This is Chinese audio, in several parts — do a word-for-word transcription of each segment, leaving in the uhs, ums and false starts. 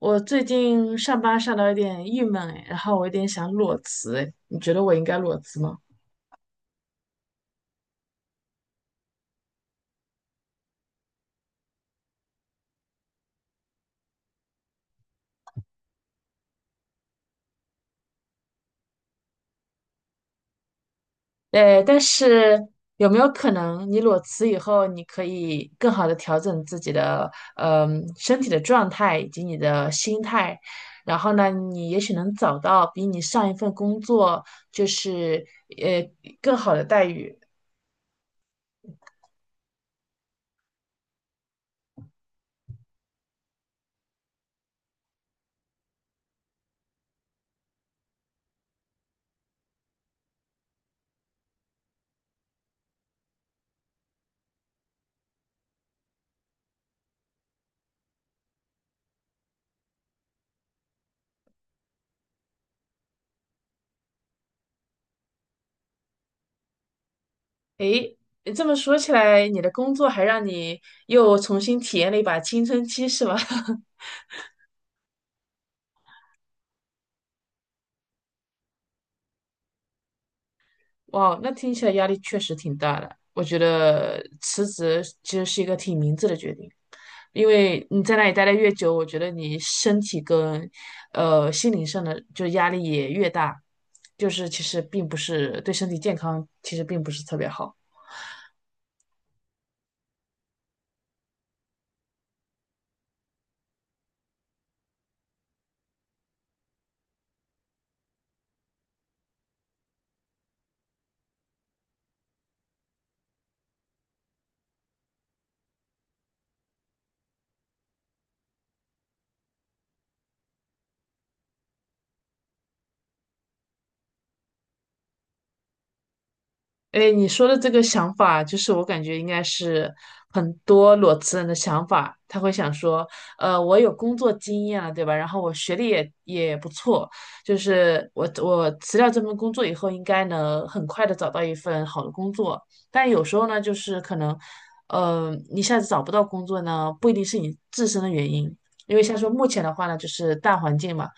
我最近上班上到有点郁闷哎，然后我有点想裸辞哎，你觉得我应该裸辞吗？哎，但是有没有可能你裸辞以后，你可以更好的调整自己的嗯、身体的状态以及你的心态，然后呢，你也许能找到比你上一份工作就是呃更好的待遇。诶这么说起来，你的工作还让你又重新体验了一把青春期是吧？哇，那听起来压力确实挺大的。我觉得辞职其实是一个挺明智的决定，因为你在那里待得越久，我觉得你身体跟呃心灵上的就压力也越大，就是其实并不是对身体健康其实并不是特别好。哎，你说的这个想法，就是我感觉应该是很多裸辞人的想法。他会想说，呃，我有工作经验了，对吧？然后我学历也也不错，就是我我辞掉这份工作以后，应该能很快的找到一份好的工作。但有时候呢，就是可能，呃，一下子找不到工作呢，不一定是你自身的原因，因为像说目前的话呢，就是大环境嘛，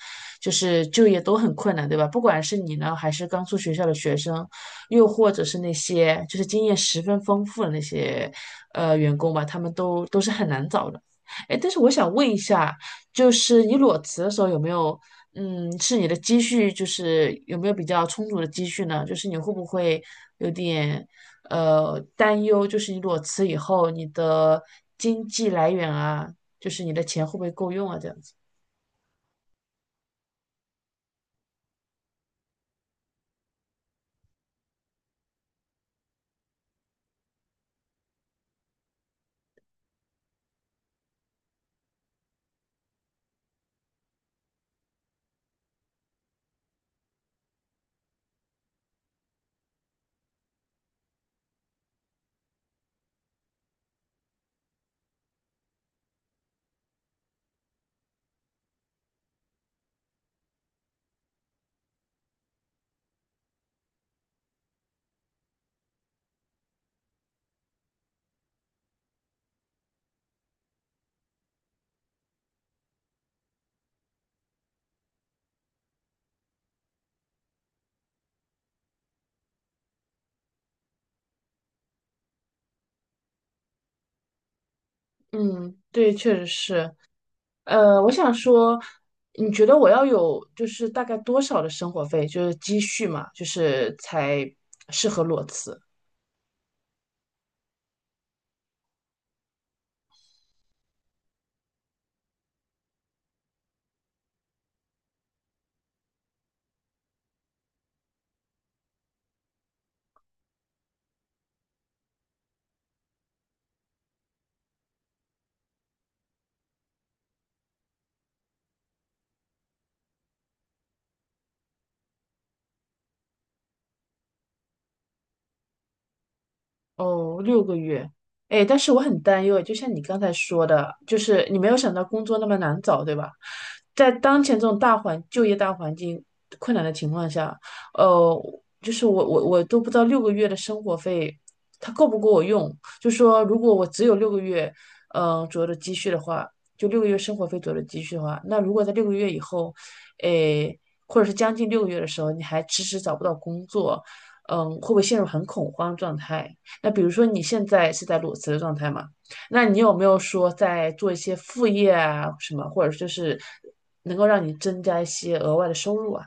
就是就业都很困难，对吧？不管是你呢，还是刚出学校的学生。又或者是那些就是经验十分丰富的那些呃员工吧，他们都都是很难找的。哎，但是我想问一下，就是你裸辞的时候有没有，嗯，是你的积蓄，就是有没有比较充足的积蓄呢？就是你会不会有点呃担忧，就是你裸辞以后你的经济来源啊，就是你的钱会不会够用啊？这样子。嗯，对，确实是。呃，我想说，你觉得我要有就是大概多少的生活费，就是积蓄嘛，就是才适合裸辞？哦，六个月，哎，但是我很担忧，就像你刚才说的，就是你没有想到工作那么难找，对吧？在当前这种大环就业大环境困难的情况下，呃，就是我我我都不知道六个月的生活费它够不够我用。就说如果我只有六个月，嗯、左右的积蓄的话，就六个月生活费左右的积蓄的话，那如果在六个月以后，哎，或者是将近六个月的时候，你还迟迟找不到工作，嗯、会不会陷入很恐慌状态？那比如说你现在是在裸辞的状态嘛？那你有没有说在做一些副业啊什么，或者就是能够让你增加一些额外的收入啊？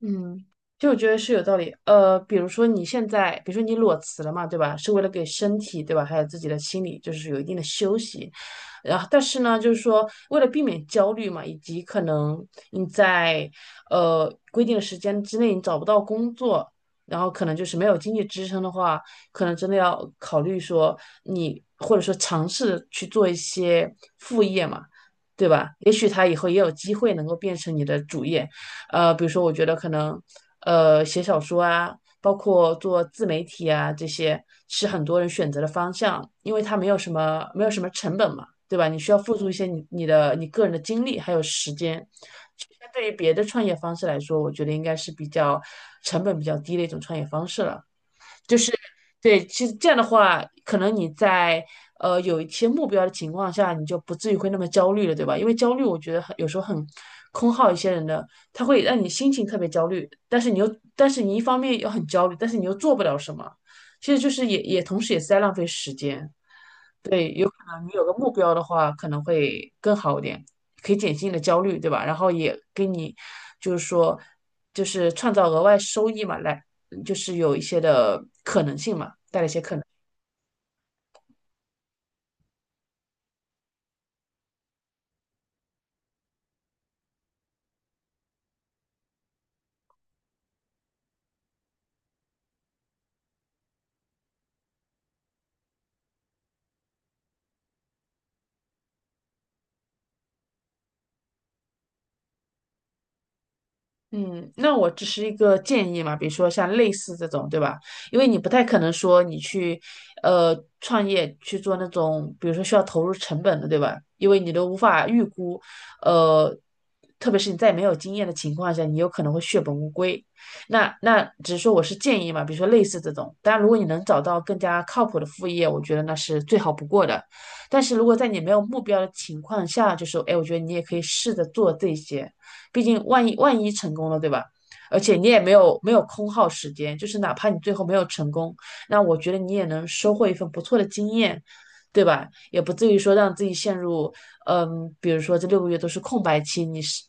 嗯，就我觉得是有道理。呃，比如说你现在，比如说你裸辞了嘛，对吧？是为了给身体，对吧？还有自己的心理，就是有一定的休息。然后，但是呢，就是说为了避免焦虑嘛，以及可能你在呃规定的时间之内你找不到工作，然后可能就是没有经济支撑的话，可能真的要考虑说你或者说尝试去做一些副业嘛，对吧？也许他以后也有机会能够变成你的主业。呃，比如说我觉得可能呃写小说啊，包括做自媒体啊这些是很多人选择的方向，因为它没有什么没有什么成本嘛，对吧？你需要付出一些你你的你个人的精力还有时间。相对于别的创业方式来说，我觉得应该是比较成本比较低的一种创业方式了。就是对，其实这样的话，可能你在呃有一些目标的情况下，你就不至于会那么焦虑了，对吧？因为焦虑，我觉得很有时候很空耗一些人的，他会让你心情特别焦虑，但是你又但是你一方面又很焦虑，但是你又做不了什么，其实就是也也同时也是在浪费时间。啊你有个目标的话，可能会更好一点，可以减轻你的焦虑，对吧？然后也给你，就是说，就是创造额外收益嘛，来，就是有一些的可能性嘛，带来一些可能。嗯，那我只是一个建议嘛，比如说像类似这种，对吧？因为你不太可能说你去，呃，创业去做那种，比如说需要投入成本的，对吧？因为你都无法预估，呃，特别是你在没有经验的情况下，你有可能会血本无归。那那只是说我是建议嘛，比如说类似这种。当然，如果你能找到更加靠谱的副业，我觉得那是最好不过的。但是如果在你没有目标的情况下，就是，哎，我觉得你也可以试着做这些。毕竟万一万一成功了，对吧？而且你也没有没有空耗时间，就是哪怕你最后没有成功，那我觉得你也能收获一份不错的经验，对吧？也不至于说让自己陷入，嗯，比如说这六个月都是空白期，你是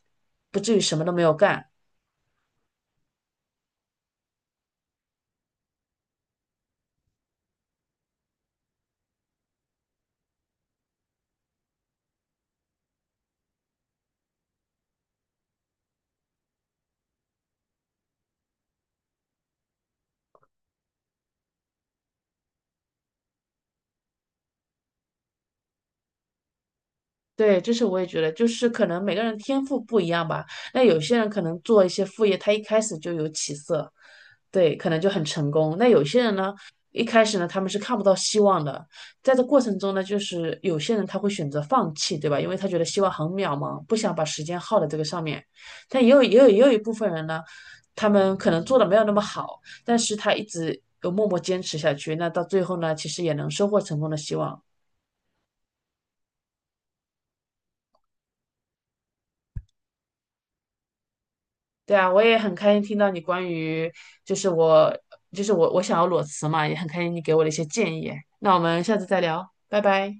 不至于什么都没有干，对，这是我也觉得，就是可能每个人天赋不一样吧。那有些人可能做一些副业，他一开始就有起色，对，可能就很成功。那有些人呢，一开始呢，他们是看不到希望的，在这过程中呢，就是有些人他会选择放弃，对吧？因为他觉得希望很渺茫，不想把时间耗在这个上面。但也有也有也有一部分人呢，他们可能做的没有那么好，但是他一直有默默坚持下去，那到最后呢，其实也能收获成功的希望。对啊，我也很开心听到你关于就是我就是我我想要裸辞嘛，也很开心你给我的一些建议。那我们下次再聊，拜拜。